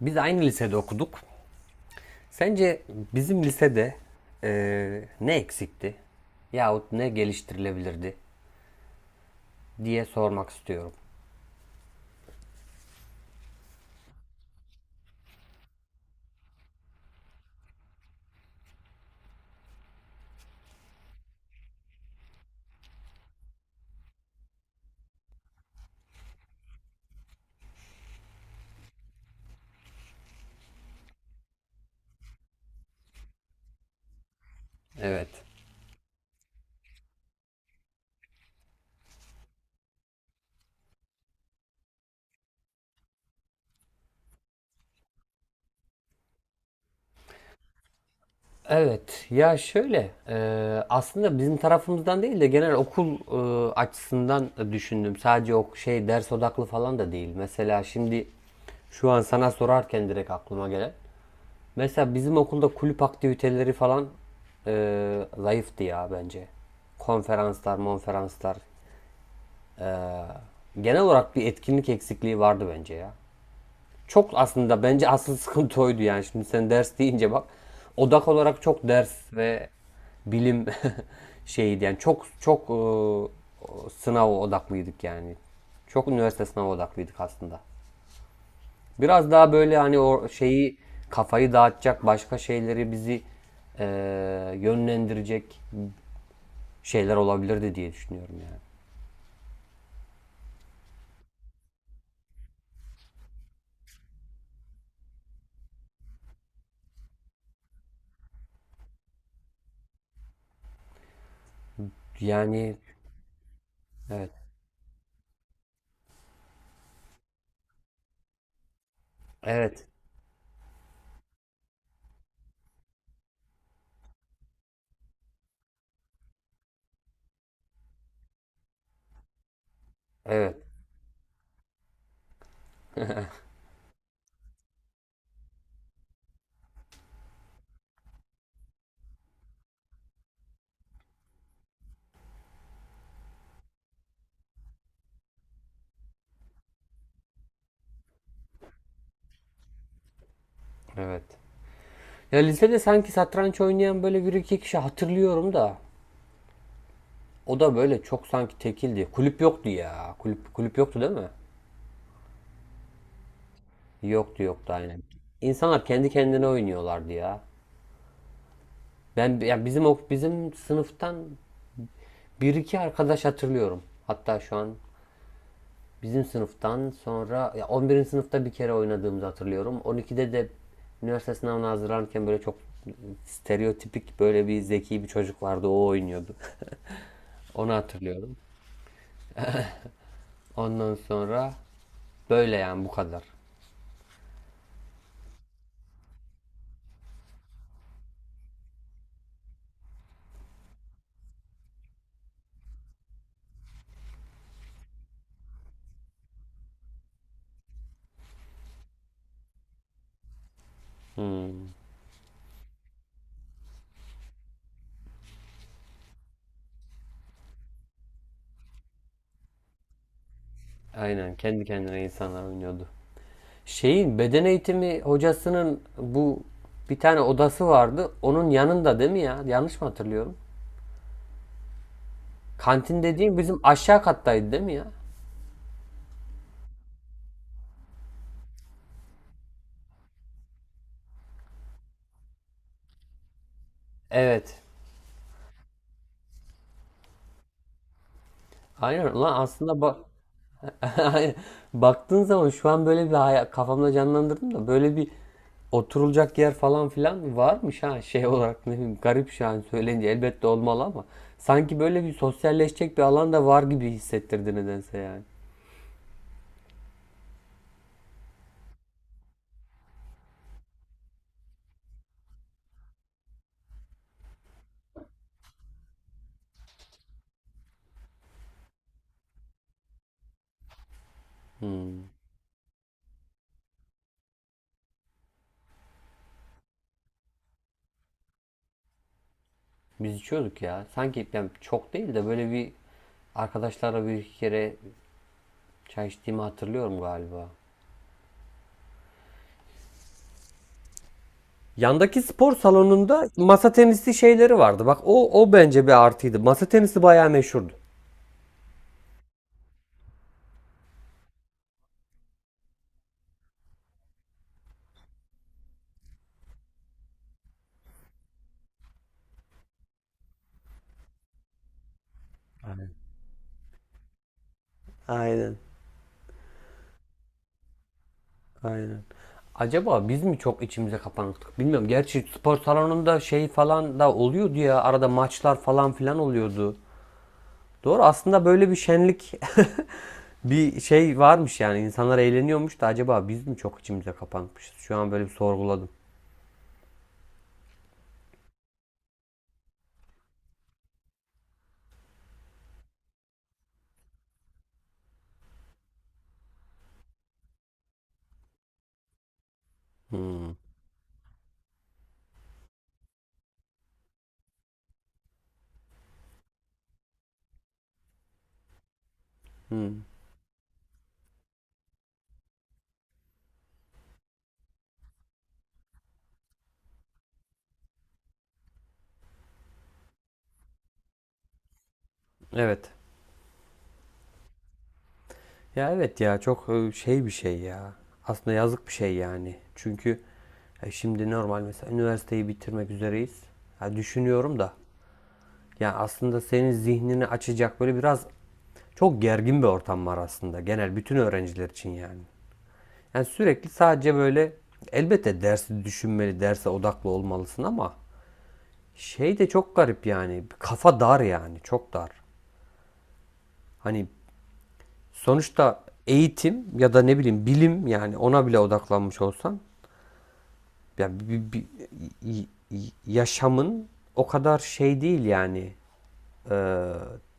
Biz aynı lisede okuduk. Sence bizim lisede ne eksikti yahut ne geliştirilebilirdi diye sormak istiyorum. Evet. Evet ya şöyle aslında bizim tarafımızdan değil de genel okul açısından düşündüm. Sadece o şey ders odaklı falan da değil. Mesela şimdi şu an sana sorarken direkt aklıma gelen. Mesela bizim okulda kulüp aktiviteleri falan zayıftı ya bence konferanslar, monferanslar. Genel olarak bir etkinlik eksikliği vardı bence ya. Çok aslında bence asıl sıkıntı oydu yani. Şimdi sen ders deyince bak odak olarak çok ders ve bilim şeydi yani çok çok sınav odaklıydık yani. Çok üniversite sınavı odaklıydık aslında. Biraz daha böyle hani o şeyi kafayı dağıtacak başka şeyleri bizi e, yönlendirecek şeyler olabilirdi diye düşünüyorum yani. Yani evet. Evet. Evet. Evet. Ya lisede sanki satranç oynayan böyle bir iki kişi hatırlıyorum da. O da böyle çok sanki tekildi. Kulüp yoktu ya. Kulüp yoktu değil mi? Yoktu yoktu aynen. İnsanlar kendi kendine oynuyorlardı ya. Ben ya bizim sınıftan bir iki arkadaş hatırlıyorum. Hatta şu an bizim sınıftan sonra ya on birinci sınıfta bir kere oynadığımızı hatırlıyorum. 12'de de üniversite sınavına hazırlanırken böyle çok stereotipik böyle bir zeki bir çocuk vardı, o oynuyordu. Onu hatırlıyorum. Ondan sonra böyle yani bu kadar. Hmm. Aynen kendi kendine insanlar oynuyordu. Şeyin beden eğitimi hocasının bu bir tane odası vardı. Onun yanında değil mi ya? Yanlış mı hatırlıyorum? Kantin dediğim bizim aşağı kattaydı değil mi ya? Evet. Aynen lan aslında bak, baktığın zaman şu an böyle bir hayal, kafamda canlandırdım da böyle bir oturulacak yer falan filan varmış ha, şey olarak ne bileyim garip, şu an söyleyince elbette olmalı ama sanki böyle bir sosyalleşecek bir alan da var gibi hissettirdi nedense yani. Hmm. Biz içiyorduk ya. Sanki yani çok değil de böyle bir arkadaşlarla bir iki kere çay içtiğimi hatırlıyorum galiba. Yandaki spor salonunda masa tenisi şeyleri vardı. Bak o bence bir artıydı. Masa tenisi bayağı meşhurdu. Aynen. Aynen. Acaba biz mi çok içimize kapandık? Bilmiyorum. Gerçi spor salonunda şey falan da oluyordu ya. Arada maçlar falan filan oluyordu. Doğru. Aslında böyle bir şenlik bir şey varmış yani. İnsanlar eğleniyormuş da acaba biz mi çok içimize kapanmışız? Şu an böyle bir sorguladım. Hmm. Hmm. Evet. Ya evet ya çok şey bir şey ya. Aslında yazık bir şey yani. Çünkü şimdi normal mesela üniversiteyi bitirmek üzereyiz. Ya düşünüyorum da. Ya aslında senin zihnini açacak böyle biraz. Çok gergin bir ortam var aslında genel bütün öğrenciler için yani. Yani sürekli sadece böyle elbette dersi düşünmeli, derse odaklı olmalısın ama şey de çok garip yani. Kafa dar yani, çok dar. Hani sonuçta eğitim ya da ne bileyim bilim yani ona bile odaklanmış olsan yani y- yaşamın o kadar şey değil yani e,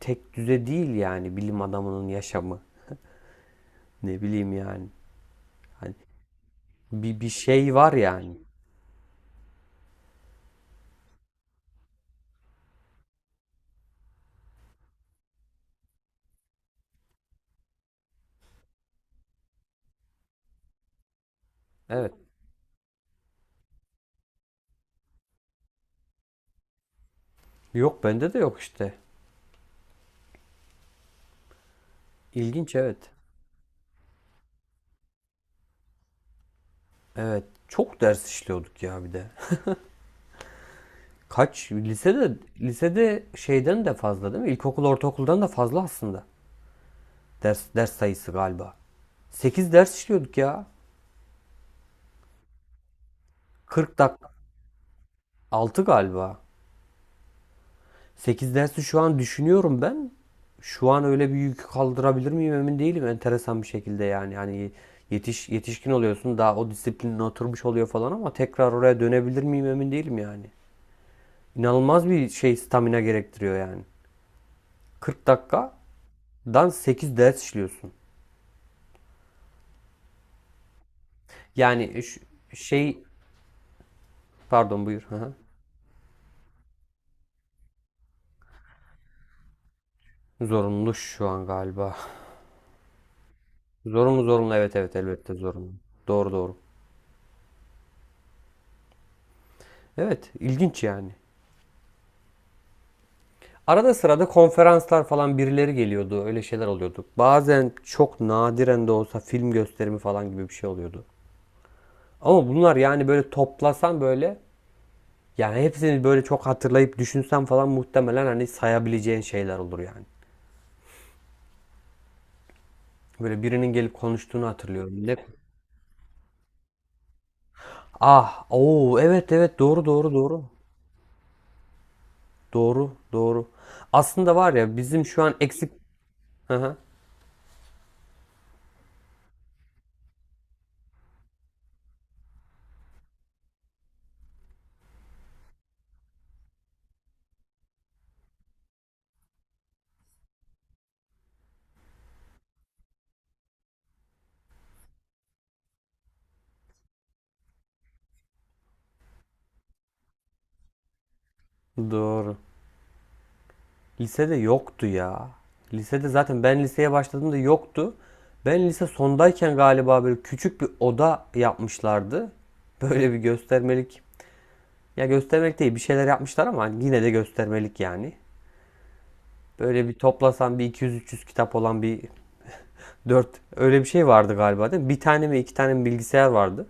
tek düze değil yani bilim adamının yaşamı, ne bileyim yani hani bir şey var yani. Evet. Yok, bende de yok işte. İlginç, evet. Evet. Çok ders işliyorduk ya bir de. Kaç? Lisede şeyden de fazla değil mi? İlkokul, ortaokuldan da fazla aslında. Ders sayısı galiba. 8 ders işliyorduk ya. 40 dak 6 galiba. 8 dersi şu an düşünüyorum ben. Şu an öyle bir yükü kaldırabilir miyim emin değilim. Enteresan bir şekilde yani. Hani yetişkin oluyorsun, daha o disiplinin oturmuş oluyor falan ama tekrar oraya dönebilir miyim emin değilim yani. İnanılmaz bir şey, stamina gerektiriyor yani. 40 dakikadan 8 ders işliyorsun. Yani şey pardon buyur. Hı hı. Zorunlu şu an galiba. Zorunlu zorunlu, evet evet, elbette zorunlu. Doğru doğru. Evet, ilginç yani. Arada sırada konferanslar falan birileri geliyordu. Öyle şeyler oluyordu. Bazen çok nadiren de olsa film gösterimi falan gibi bir şey oluyordu. Ama bunlar yani böyle toplasan böyle, yani hepsini böyle çok hatırlayıp düşünsen falan muhtemelen hani sayabileceğin şeyler olur yani. Böyle birinin gelip konuştuğunu hatırlıyorum. Ne? Ah, oo, evet evet, doğru doğru doğru. Doğru doğru. Aslında var ya bizim şu an eksik... Hı hı, doğru. Lisede yoktu ya. Lisede zaten ben liseye başladığımda yoktu. Ben lise sondayken galiba böyle küçük bir oda yapmışlardı. Böyle bir göstermelik. Ya göstermelik değil, bir şeyler yapmışlar ama yine de göstermelik yani. Böyle bir toplasan bir iki yüz üç yüz kitap olan bir dört, öyle bir şey vardı galiba değil mi? Bir tane mi iki tane mi bilgisayar vardı.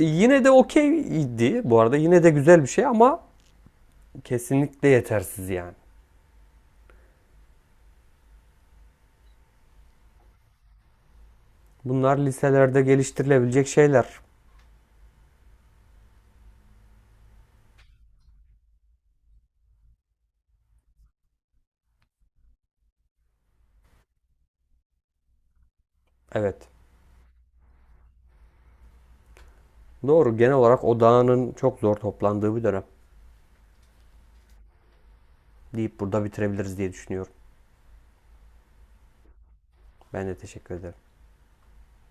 E, yine de okeydi bu arada, yine de güzel bir şey ama kesinlikle yetersiz yani. Bunlar liselerde geliştirilebilecek şeyler. Evet doğru, genel olarak odağının çok zor toplandığı bir dönem deyip burada bitirebiliriz diye düşünüyorum. Ben de teşekkür ederim.